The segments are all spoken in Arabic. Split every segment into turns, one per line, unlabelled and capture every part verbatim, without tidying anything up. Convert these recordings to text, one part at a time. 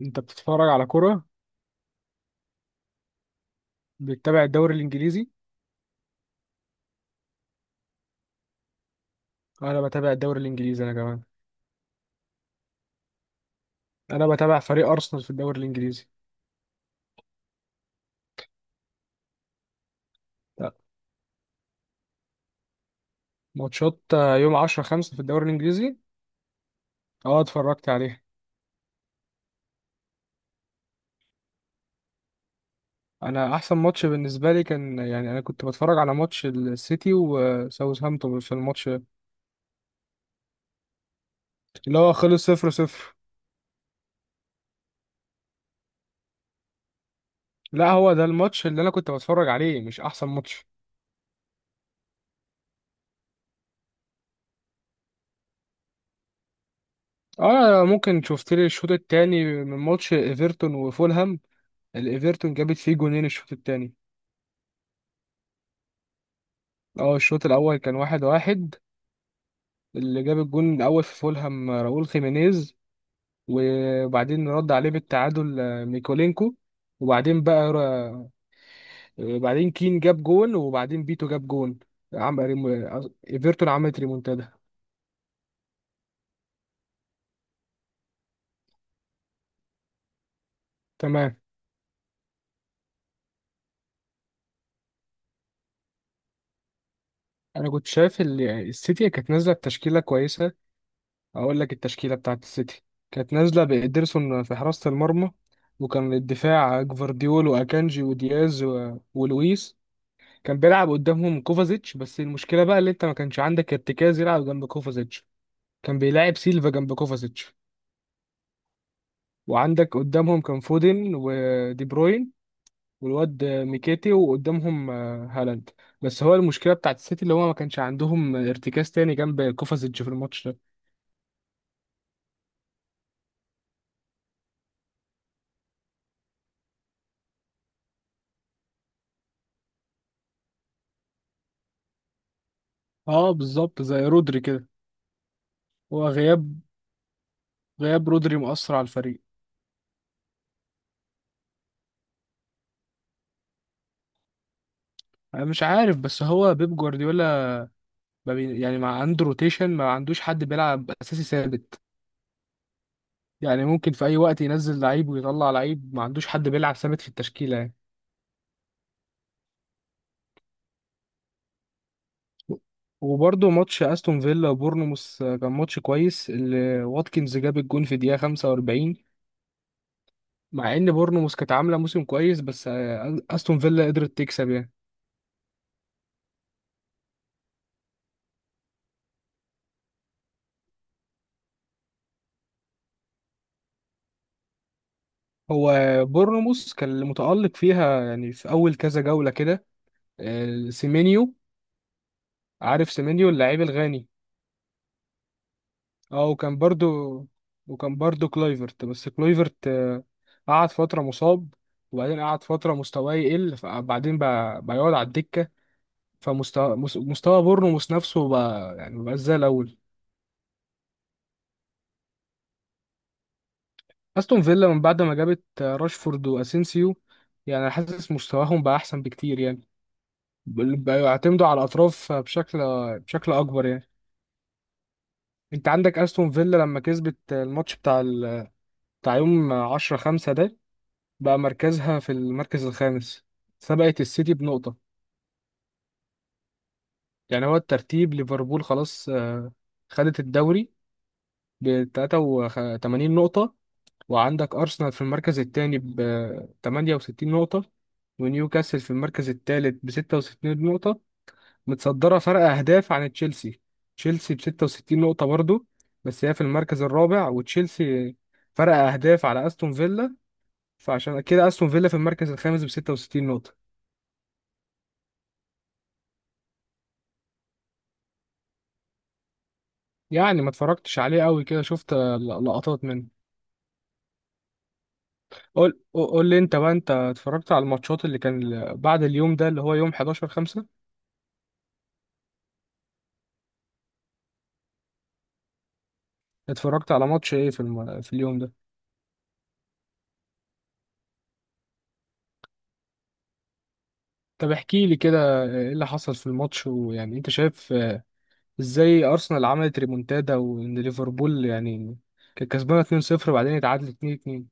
انت بتتفرج على كرة؟ بتتابع الدوري الانجليزي؟ انا بتابع الدوري الانجليزي انا كمان. انا بتابع فريق ارسنال في الدوري الانجليزي. لا، ماتشات آه، يوم عشرة خمسة في الدوري الانجليزي. اه، اتفرجت عليه. انا احسن ماتش بالنسبه لي كان، يعني انا كنت بتفرج على ماتش السيتي وساوثهامبتون في الماتش اللي هو خلص صفر صفر. لا، هو ده الماتش اللي انا كنت بتفرج عليه، مش احسن ماتش. اه، ممكن شفت لي الشوط التاني من ماتش ايفرتون وفولهام. الايفرتون جابت فيه جونين الشوط التاني. اه، الشوط الاول كان واحد واحد. اللي جاب الجون الاول في فولهام راؤول خيمينيز. وبعدين رد عليه بالتعادل آه، ميكولينكو. وبعدين بقى را- آه، بعدين كين جاب جون وبعدين بيتو جاب جون. عمل ريمو- آه، ايفرتون عملت ريمونتادا. تمام. انا كنت شايف ال- السيتي كانت نازله بتشكيله كويسه. اقول لك التشكيله بتاعت السيتي كانت نازله بإيدرسون في حراسه المرمى. وكان الدفاع جفارديول واكانجي ودياز و- ولويس. كان بيلعب قدامهم كوفازيتش، بس المشكله بقى اللي انت ما كانش عندك ارتكاز يلعب جنب كوفازيتش. كان بيلاعب سيلفا جنب كوفازيتش. وعندك قدامهم كان فودن ودي بروين، والواد ميكيتي، وقدامهم آه، هالاند. بس هو المشكله بتاعت السيتي اللي هو ما كانش عندهم ارتكاز تاني جنب كوفازيتش في الماتش ده. اه، بالظبط زي رودري كده. هو غياب غياب رودري مؤثر على الفريق. انا مش عارف، بس هو بيب جوارديولا ما بي- يعني ما عنده روتيشن، ما عندوش حد بيلعب اساسي ثابت. يعني ممكن في اي وقت ينزل لعيب ويطلع لعيب، ما عندوش حد بيلعب ثابت في التشكيله يعني. وبرضه ماتش استون فيلا وبورنموث كان ماتش كويس، اللي واتكنز جاب الجون في دقيقه خمسة واربعين. مع ان بورنموث كانت عامله موسم كويس، بس آه، استون فيلا قدرت تكسب يعني. هو بورنموث كان اللي متالق فيها يعني في اول كذا جوله كده. آه، سيمينيو. عارف سيمينيو اللاعب الغاني؟ اه وكان برضو وكان برضو كلويفرت، بس كلويفرت آه، قعد فترة مصاب. وبعدين قعد فترة مستواه يقل فبعدين بقى بقى يقعد على الدكة. فمستوى مس- مستوى بورنموث نفسه بقى يعني مبقاش زي الأول. أستون فيلا من بعد ما جابت آه، راشفورد وأسينسيو، يعني حاسس مستواهم بقى أحسن بكتير يعني. بل- بقى يعتمدوا على الأطراف بشكل بشكل أكبر يعني. أنت عندك أستون فيلا لما كسبت الماتش بتاع ال... بتاع يوم عشرة خمسة ده، بقى مركزها في المركز الخامس، سبقت السيتي بنقطة. يعني هو الترتيب ليفربول خلاص آه، خدت الدوري ب تلاتة وتمانين نقطة، وعندك أرسنال في المركز الثاني ب تمانية وستين نقطة، ونيوكاسل في المركز الثالث ب ستة وستين نقطة متصدرة فرق أهداف عن تشيلسي. تشيلسي ب ستة وستين نقطة برضو، بس هي في المركز الرابع، وتشيلسي فرق أهداف على أستون فيلا، فعشان كده أستون فيلا في المركز الخامس ب ستة وستين نقطة. يعني ما اتفرجتش عليه قوي كده، شفت آه، ل- لقطات منه. قول قول لي انت بقى، انت اتفرجت على الماتشات اللي كان ال- بعد اليوم ده اللي هو يوم احداشر خمسة. اتفرجت على ماتش ايه في الم... في اليوم ده؟ طب احكي لي كده. آه، ايه اللي حصل في الماتش، ويعني انت شايف آه، ازاي ارسنال عملت ريمونتادا، وان ليفربول يعني كانت كسبانه اثنين صفر وبعدين اتعادلت اتنين اتنين.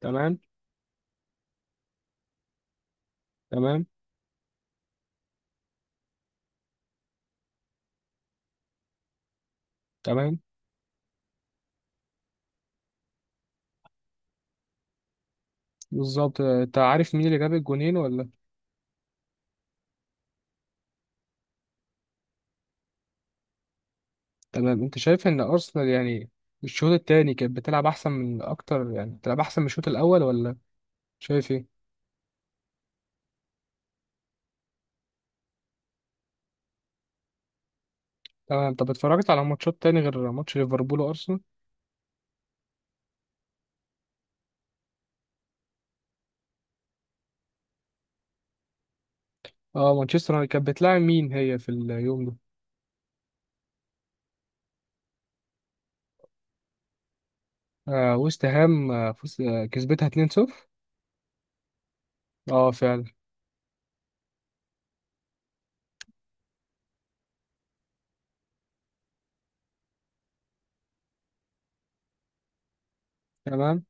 تمام، تمام، تمام. بالظبط، آه، انت عارف مين اللي جاب الجونين ولا؟ تمام. انت شايف ان ارسنال يعني الشوط التاني كانت بتلعب احسن من اكتر، يعني بتلعب احسن من الشوط الاول ولا؟ شايف ايه؟ تمام. طب اتفرجت على ماتشات تاني غير ماتش ليفربول وارسنال؟ اه، مانشستر يونايتد كانت بتلاعب مين هي في اليوم ده؟ آه ويست هام، آه فوز- آه، كسبتها اتنين صفر. اه، فعلا. تمام.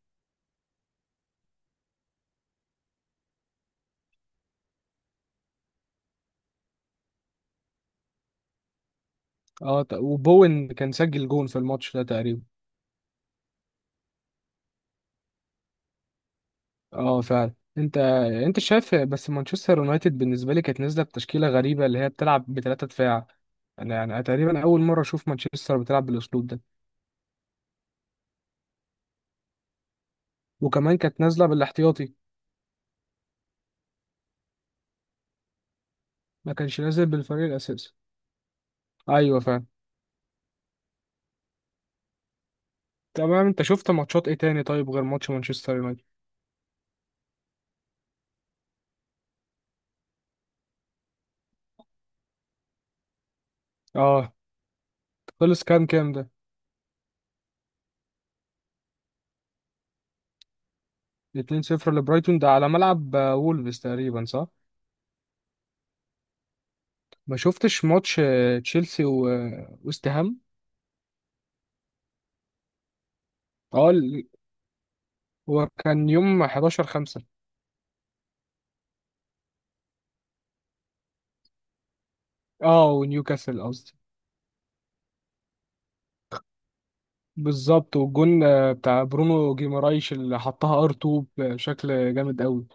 اه، ت- وبوين كان سجل جون في الماتش ده تقريبا. اه، فعلا. انت انت شايف، بس مانشستر يونايتد بالنسبه لي كانت نازله بتشكيله غريبه اللي هي بتلعب بثلاثه دفاع. انا يعني تقريبا اول مره اشوف مانشستر بتلعب بالاسلوب ده. وكمان كانت نازله بالاحتياطي. ما كانش نازل بالفريق الاساسي. ايوه، فعلا. تمام. انت شفت ماتشات ايه تاني طيب غير ماتش مانشستر يونايتد؟ اه، خلص كام كام ده؟ اتنين صفر لبرايتون، ده على ملعب آه، وولفز تقريبا، صح؟ ما شفتش ماتش آه، تشيلسي و- آه، وست هام. اه ال- هو كان يوم احداشر خمسة. اه، ونيوكاسل قصدي. بالظبط، والجون آه، بتاع برونو جيمارايش اللي حطها ار اتنين بشكل جامد قوي.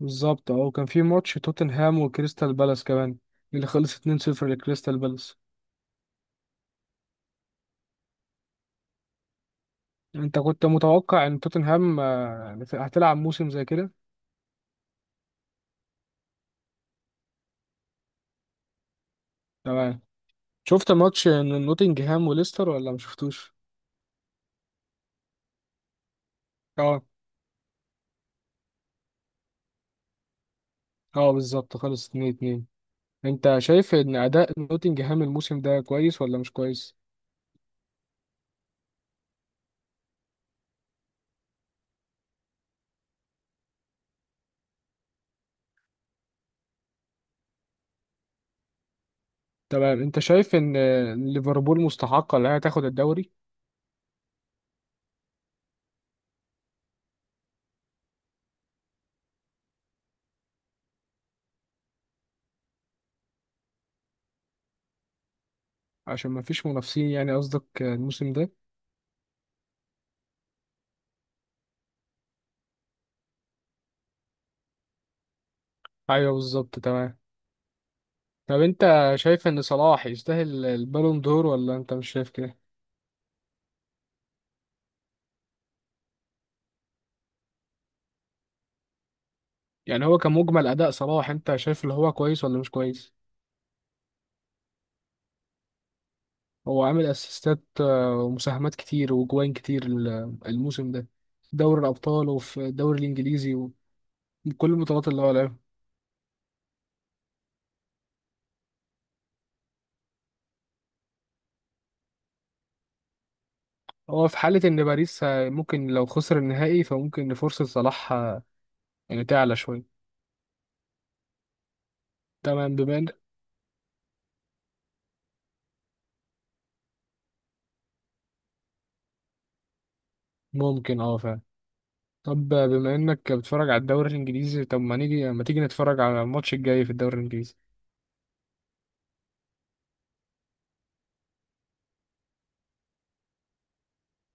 بالظبط. اه، وكان في ماتش توتنهام وكريستال بالاس كمان اللي خلص اتنين صفر لكريستال بالاس. انت كنت متوقع ان توتنهام آه، هتلعب موسم زي كده؟ تمام. شفت ماتش نوتنجهام وليستر ولا ما شفتوش؟ اه. اه، بالظبط، خلص اتنين اتنين. انت شايف ان اداء نوتنجهام الموسم ده كويس ولا مش كويس؟ تمام. انت شايف ان آه، ليفربول مستحقة انها تاخد الدوري؟ عشان ما فيش منافسين، يعني قصدك آه، الموسم ده؟ ايوه، بالظبط، تمام. طب انت شايف ان صلاح يستاهل البالون دور، ولا انت مش شايف كده؟ يعني هو كمجمل اداء صلاح، انت شايف اللي هو كويس ولا مش كويس؟ هو عامل اسيستات آه، ومساهمات كتير وجوان كتير ال- الموسم ده في دوري الابطال وفي الدوري الانجليزي وكل البطولات اللي هو لعبها. هو في حالة ان باريس آه، ممكن لو خسر النهائي فممكن فرصة صلاح آه، يعني تعلى شوية. تمام بما ان. ممكن. اه، فعلا. طب بما انك بتتفرج على الدوري الانجليزي، طب ما نيجي ما تيجي نتفرج على الماتش الجاي في الدوري الانجليزي.